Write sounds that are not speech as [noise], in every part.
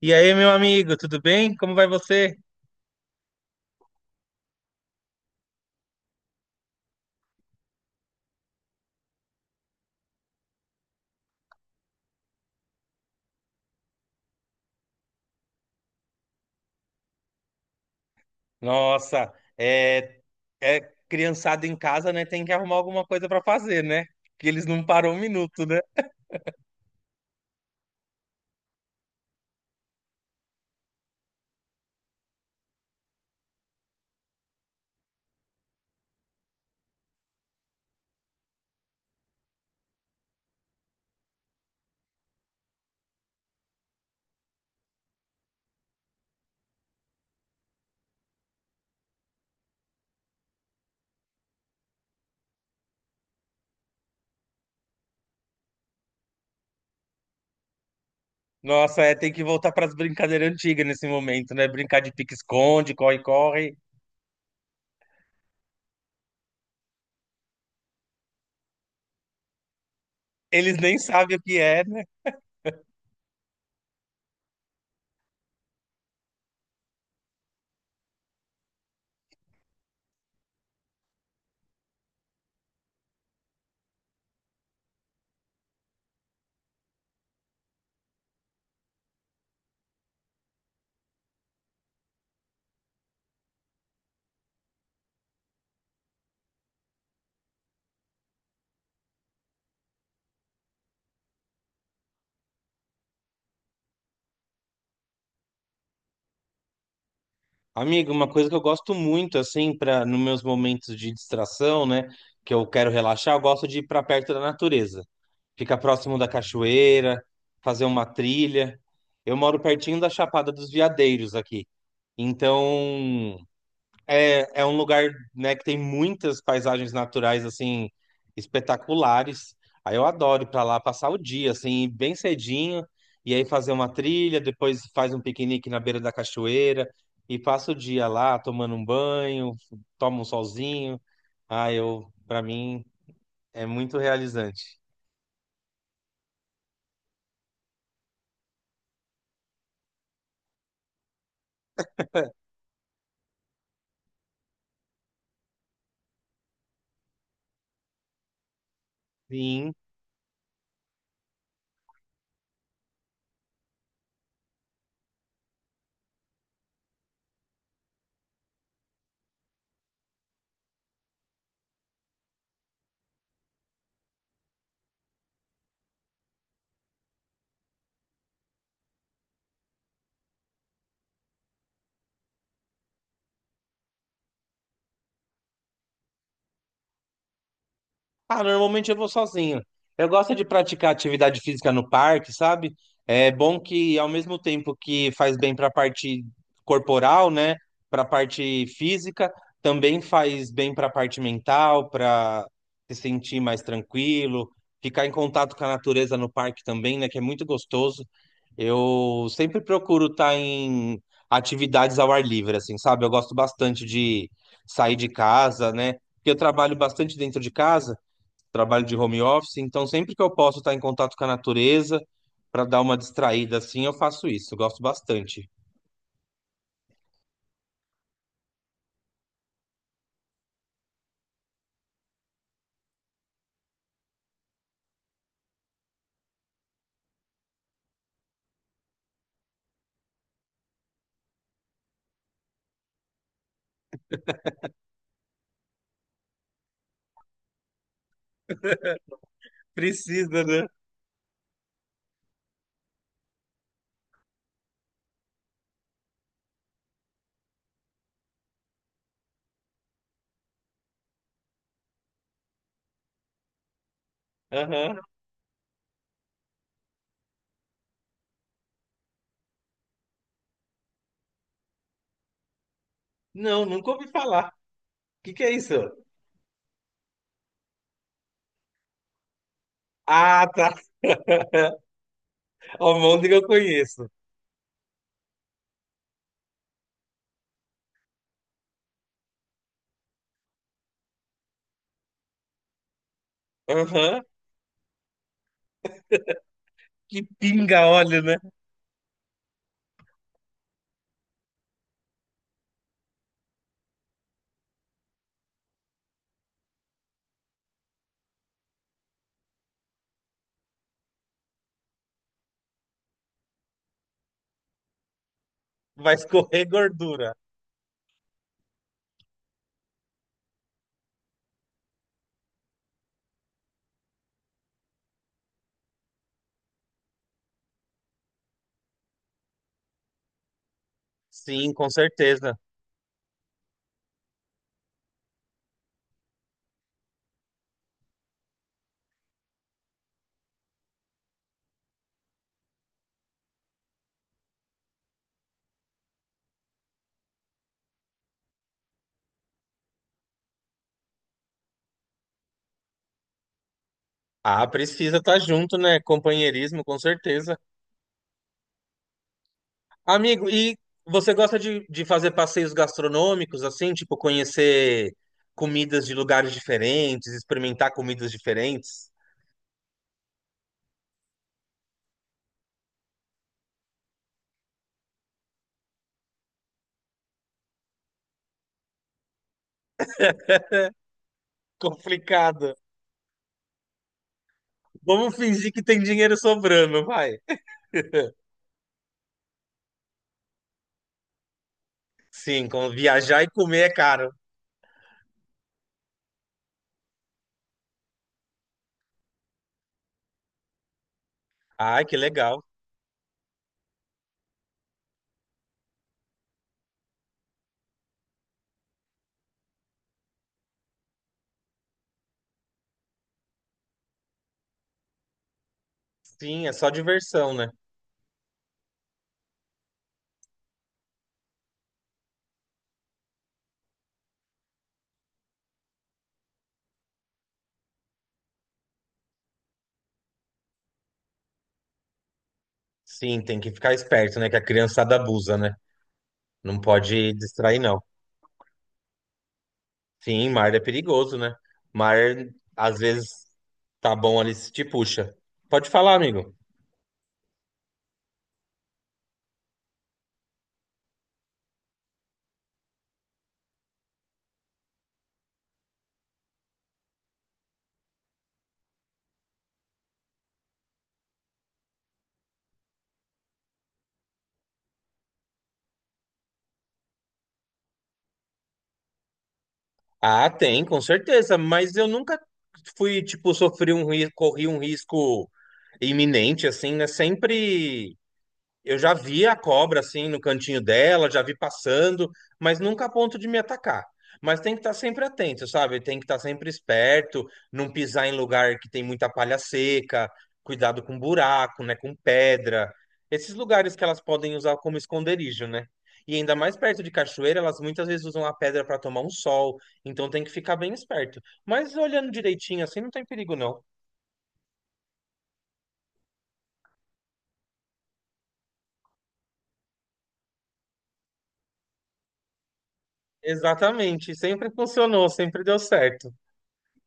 E aí, meu amigo, tudo bem? Como vai você? Nossa, é, é criançada em casa, né? Tem que arrumar alguma coisa pra fazer, né? Que eles não param um minuto, né? Nossa, é, tem que voltar pras brincadeiras antigas nesse momento, né? Brincar de pique-esconde, corre-corre. Eles nem sabem o que é, né? Amigo, uma coisa que eu gosto muito, assim, para nos meus momentos de distração, né? Que eu quero relaxar, eu gosto de ir pra perto da natureza, ficar próximo da cachoeira, fazer uma trilha. Eu moro pertinho da Chapada dos Veadeiros aqui. Então, é, um lugar, né, que tem muitas paisagens naturais, assim, espetaculares. Aí eu adoro ir pra lá passar o dia, assim, bem cedinho, e aí fazer uma trilha, depois faz um piquenique na beira da cachoeira, e passa o dia lá tomando um banho, tomo um solzinho. Ah, eu, pra mim, é muito realizante. Sim. Ah, normalmente eu vou sozinho. Eu gosto de praticar atividade física no parque, sabe? É bom que, ao mesmo tempo que faz bem para a parte corporal, né? Para a parte física, também faz bem para a parte mental, para se sentir mais tranquilo, ficar em contato com a natureza no parque também, né? Que é muito gostoso. Eu sempre procuro estar em atividades ao ar livre, assim, sabe? Eu gosto bastante de sair de casa, né? Porque eu trabalho bastante dentro de casa, trabalho de home office, então sempre que eu posso estar em contato com a natureza para dar uma distraída assim, eu faço isso, eu gosto bastante. Precisa, né? Aham. Não, nunca ouvi falar. O que que é isso? Ah, tá. Almôndega eu conheço. Aham. Que pinga óleo, né? Vai escorrer gordura. Sim, com certeza. Ah, precisa estar junto, né? Companheirismo, com certeza. Amigo, e você gosta de fazer passeios gastronômicos, assim, tipo conhecer comidas de lugares diferentes, experimentar comidas diferentes? Complicado. Vamos fingir que tem dinheiro sobrando, vai. Sim, viajar e comer é caro. Ai, que legal. Sim, é só diversão, né? Sim, tem que ficar esperto, né? Que a criançada abusa, né? Não pode distrair, não. Sim, mar é perigoso, né? Mar, às vezes, tá bom ali se te puxa. Pode falar, amigo. Ah, tem, com certeza, mas eu nunca fui, tipo, sofri um risco, corri um risco iminente, assim, né? Sempre. Eu já vi a cobra assim no cantinho dela, já vi passando, mas nunca a ponto de me atacar. Mas tem que estar sempre atento, sabe? Tem que estar sempre esperto, não pisar em lugar que tem muita palha seca, cuidado com buraco, né? Com pedra. Esses lugares que elas podem usar como esconderijo, né? E ainda mais perto de cachoeira, elas muitas vezes usam a pedra para tomar um sol, então tem que ficar bem esperto. Mas olhando direitinho assim, não tem perigo, não. Exatamente, sempre funcionou, sempre deu certo.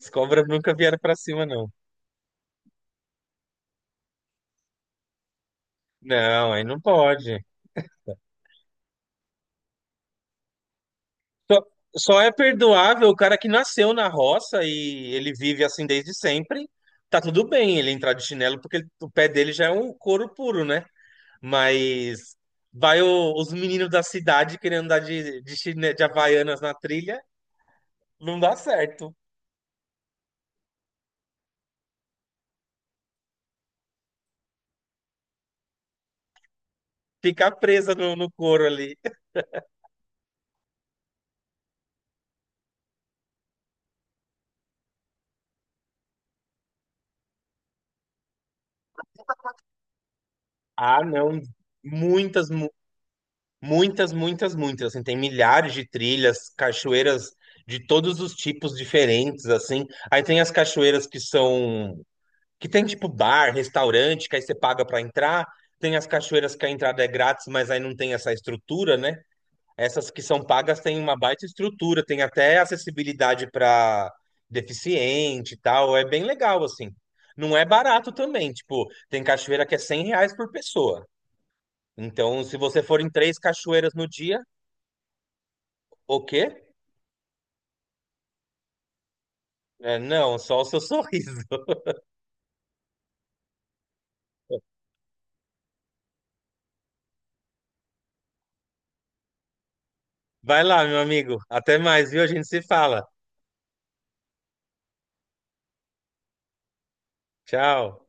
As cobras nunca vieram pra cima, não. Não, aí não pode. Só, só é perdoável o cara que nasceu na roça e ele vive assim desde sempre. Tá tudo bem ele entrar de chinelo, porque ele- o pé dele já é um couro puro, né? Mas vai o- os meninos da cidade querendo andar de de Havaianas na trilha, não dá certo. Fica presa no couro ali. Ah, não. Muitas, muitas, muitas, muitas. Assim, tem milhares de trilhas, cachoeiras de todos os tipos diferentes, assim. Aí tem as cachoeiras que são, que tem tipo bar, restaurante, que aí você paga para entrar. Tem as cachoeiras que a entrada é grátis, mas aí não tem essa estrutura, né? Essas que são pagas têm uma baita estrutura, tem até acessibilidade para deficiente e tal. É bem legal, assim. Não é barato também, tipo, tem cachoeira que é 100 reais por pessoa. Então, se você for em três cachoeiras no dia, o quê? É, não, só o seu [laughs] sorriso. Vai lá, meu amigo. Até mais, viu? A gente se fala. Tchau.